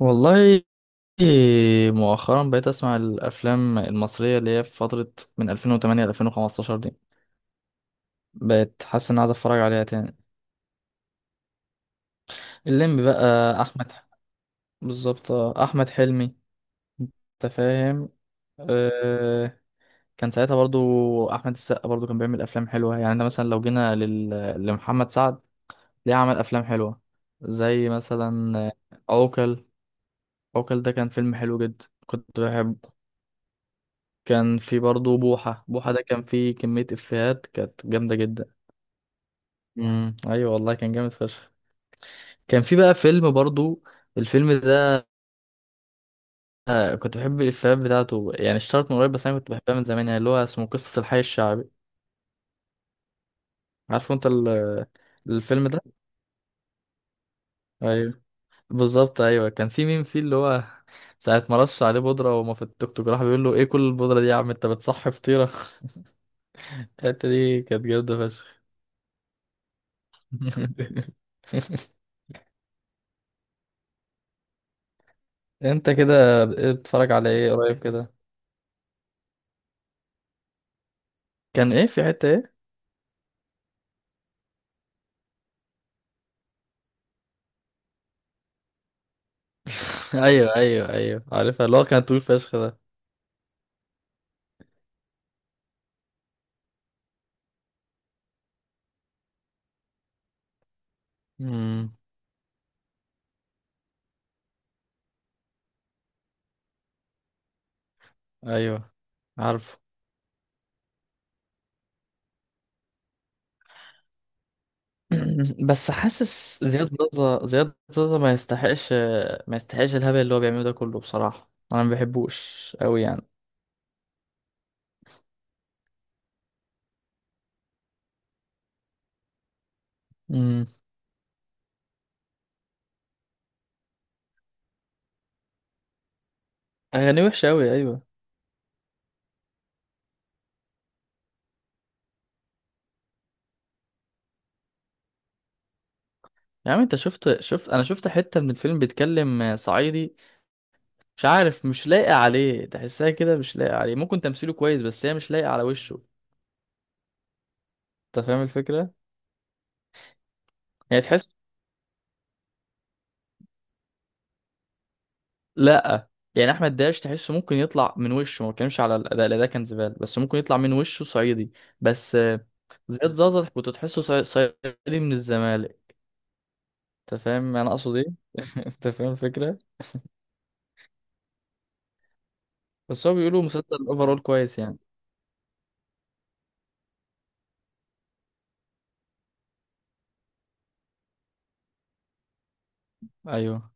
والله، مؤخرا بقيت اسمع الافلام المصريه اللي هي في فتره من 2008 ل 2015 دي. بقيت حاسس ان عايز اتفرج عليها تاني. الليمبي بقى احمد، بالظبط. احمد حلمي. انت فاهم؟ أه. كان ساعتها برضو احمد السقا برضو كان بيعمل افلام حلوه. يعني ده مثلا لو جينا لمحمد سعد، ليه عمل افلام حلوه زي مثلا عوكل. عوكل ده كان فيلم حلو جدا كنت بحبه. كان في برضه بوحة. بوحة ده كان فيه كمية إفيهات كانت جامدة جدا. امم. أيوة، والله كان جامد فشخ. كان في بقى فيلم برضه، الفيلم ده. كنت بحب الإفيهات بتاعته. يعني اشتهرت من قريب بس أنا كنت بحبها من زمان. يعني اللي هو اسمه قصة الحي الشعبي. عارفه أنت الفيلم ده؟ أيوة، بالظبط. أيوة كان في مين فيه، اللي هو ساعة ما رش عليه بودرة وما في التوك توك، راح بيقول له: إيه كل البودرة دي يا عم؟ أنت بتصحي فطيرة. الحتة دي كانت جامدة فشخ. انت كده بتتفرج على ايه قريب كده؟ كان ايه، في حتة ايه؟ ايوه ايوه ايوه، عارفها اللي هو كان طويل فشخ ده. امم، ايوه عارفه. بس حاسس زياد زازا زياد زازا ما يستحقش الهبل اللي هو بيعمله ده كله، بصراحة انا ما بحبوش قوي يعني. امم، اغاني وحشة قوي، ايوه. يا عم انت شفت انا شفت حتة من الفيلم بيتكلم صعيدي. مش عارف، مش لايقة عليه. تحسها كده مش لايقة عليه. ممكن تمثيله كويس بس هي مش لايقة على وشه. انت فاهم الفكرة؟ يعني تحس. لا، يعني احمد داش تحسه ممكن يطلع من وشه. ما بتكلمش على الاداء، الاداء كان زباله، بس ممكن يطلع من وشه صعيدي. بس زياد زازا كنت تحسه صعيدي من الزمالك. انت فاهم انا اقصد ايه؟ انت فاهم الفكره؟ بس هو بيقولوا مسلسل اوفرول كويس يعني. ايوه.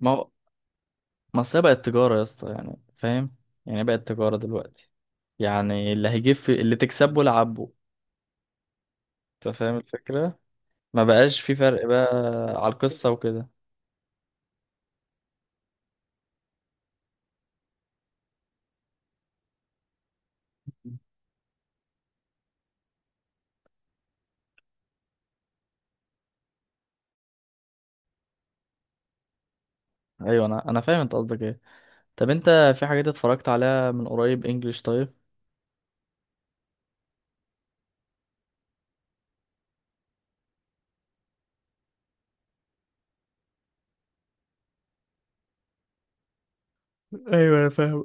ما هو، ما أصل هي بقت تجاره يا اسطى، يعني فاهم. يعني بقت تجاره دلوقتي. يعني اللي هيجيب اللي تكسبه لعبه. انت فاهم الفكره؟ ما بقاش في فرق بقى على القصه وكده. ايوه، انا فاهم انت قصدك ايه. طب انت، في حاجات اتفرجت عليها من قريب انجلش؟ طيب. ايوه انا فاهم.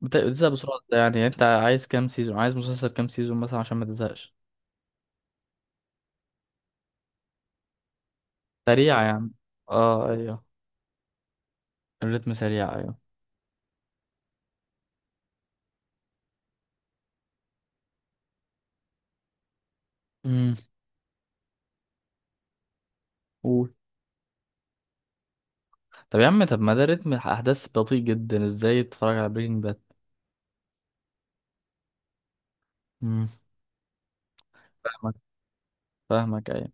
بتزهق بسرعة ده؟ يعني انت عايز كام سيزون، عايز مسلسل كام سيزون مثلا عشان ما تزهقش؟ سريع يا عم. اه، ايوه الريتم سريع، ايوه. امم، قول. طب يا عم، طب ما ده رتم احداث بطيء جدا، ازاي تتفرج على برينج باد؟ امم، فاهمك. فاهمك ايوه.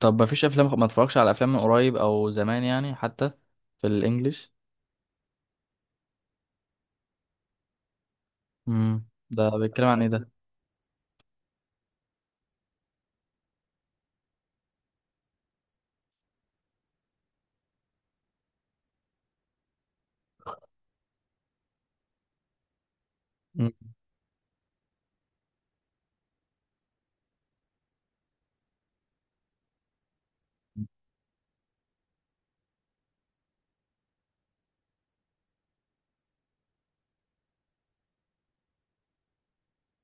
طب ما فيش افلام، ما اتفرجش على افلام من قريب او زمان يعني حتى في الانجليش؟ امم، ده بيتكلم عن ايه ده؟ مم.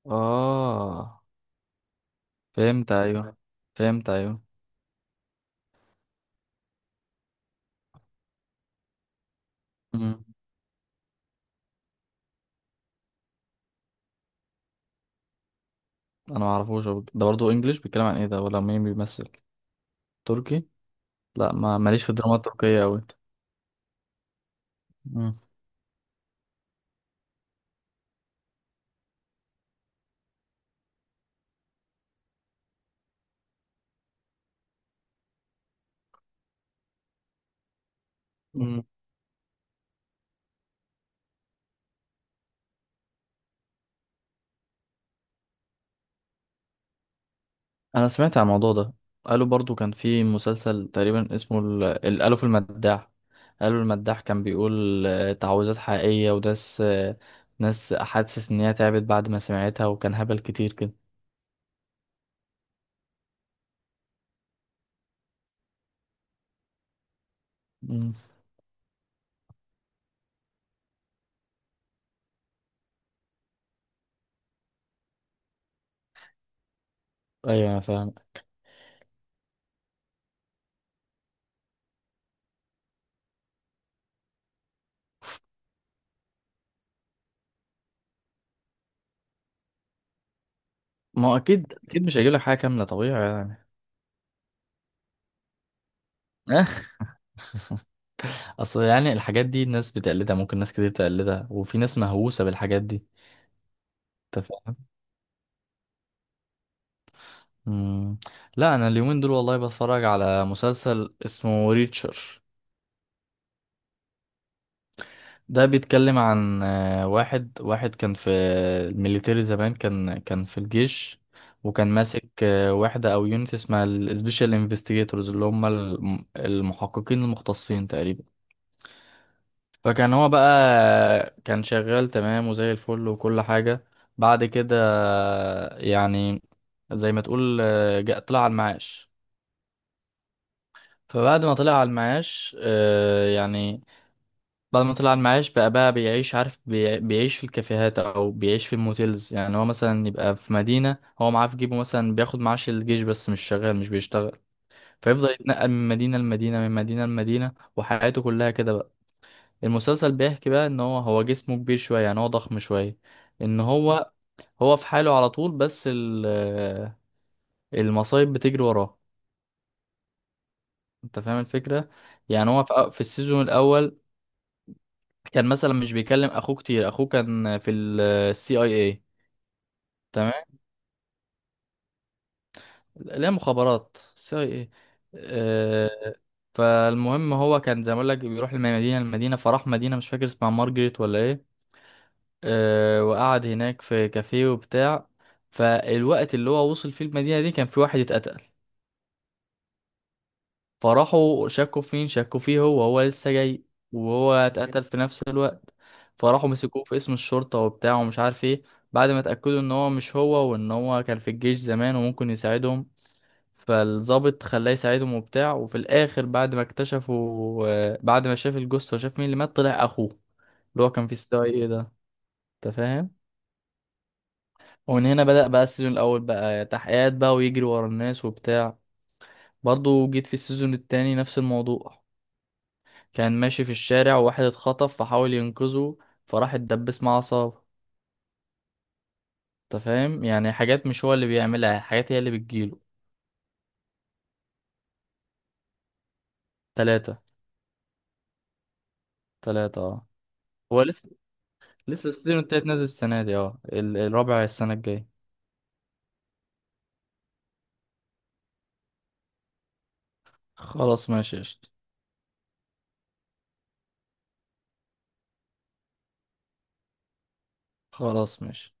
اه، فهمت ايوه. فهمت ايوه. مم. انا ما اعرفوش. هو ده برضه انجليش؟ بيتكلم عن ايه ده، ولا مين بيمثل؟ تركي؟ لا، ما ماليش في الدراما التركية قوي. مم. مم. انا سمعت عن الموضوع ده. قالوا برضه كان في مسلسل تقريبا اسمه الالف المداح. قالوا المداح كان بيقول تعويذات حقيقية، وناس ناس حاسس ان هي تعبت بعد ما سمعتها، وكان هبل كتير كده. مم. ايوه انا فاهم. ما هو اكيد اكيد مش هيجيب لك حاجه كامله، طبيعي يعني. اصل يعني الحاجات دي الناس بتقلدها. ممكن ناس كتير تقلدها، وفي ناس مهووسه بالحاجات دي. انت فاهم؟ مم. لا، انا اليومين دول والله بتفرج على مسلسل اسمه ريتشر. ده بيتكلم عن واحد كان في الميليتري زمان. كان في الجيش. وكان ماسك وحدة او يونت اسمها السبيشال انفستيجيتورز، اللي هم المحققين المختصين تقريبا. فكان هو بقى، كان شغال تمام وزي الفل وكل حاجة. بعد كده يعني زي ما تقول جاء طلع على المعاش. فبعد ما طلع على المعاش يعني، بعد ما طلع على المعاش بقى بيعيش، عارف، بيعيش في الكافيهات او بيعيش في الموتيلز. يعني هو مثلا يبقى في مدينة، هو معاه في جيبه مثلا بياخد معاش الجيش بس مش شغال، مش بيشتغل. فيفضل يتنقل من مدينة لمدينة، من مدينة لمدينة، وحياته كلها كده بقى. المسلسل بيحكي بقى ان هو جسمه كبير شوية، يعني هو ضخم شوية. ان هو في حاله على طول، بس المصايب بتجري وراه. انت فاهم الفكرة؟ يعني هو في السيزون الاول كان مثلا مش بيكلم اخوه كتير. اخوه كان في السي اي اي. تمام. لا، مخابرات سي اي اي. آه، فالمهم هو كان زي ما اقول لك بيروح من مدينه لمدينه. فراح مدينه مش فاكر اسمها مارجريت ولا ايه. وقعد هناك في كافيه وبتاع. فالوقت اللي هو وصل فيه المدينه دي كان في واحد اتقتل. فراحوا شكوا في مين، شكوا فيه هو. هو لسه جاي، وهو اتقتل في نفس الوقت. فراحوا مسكوه في اسم الشرطة وبتاع ومش عارف ايه. بعد ما اتأكدوا ان هو مش هو، وان هو كان في الجيش زمان وممكن يساعدهم، فالضابط خلاه يساعدهم وبتاع. وفي الاخر بعد ما اكتشفوا بعد ما شاف الجثة وشاف مين اللي مات، طلع اخوه اللي هو كان في السي اي ايه ده. انت فاهم؟ ومن هنا بدأ بقى السيزون الاول، بقى تحقيقات بقى ويجري ورا الناس وبتاع. برضه جيت في السيزون التاني نفس الموضوع. كان ماشي في الشارع وواحد اتخطف فحاول ينقذه، فراح اتدبس مع عصابة. انت فاهم؟ يعني حاجات مش هو اللي بيعملها، حاجات هي اللي بتجيله. تلاتة. تلاتة اه. هو لسه. لسه السيزون التالت نازل السنة دي. اه، الرابع السنة الجاية. خلاص ماشي قشطة. خلاص ماشي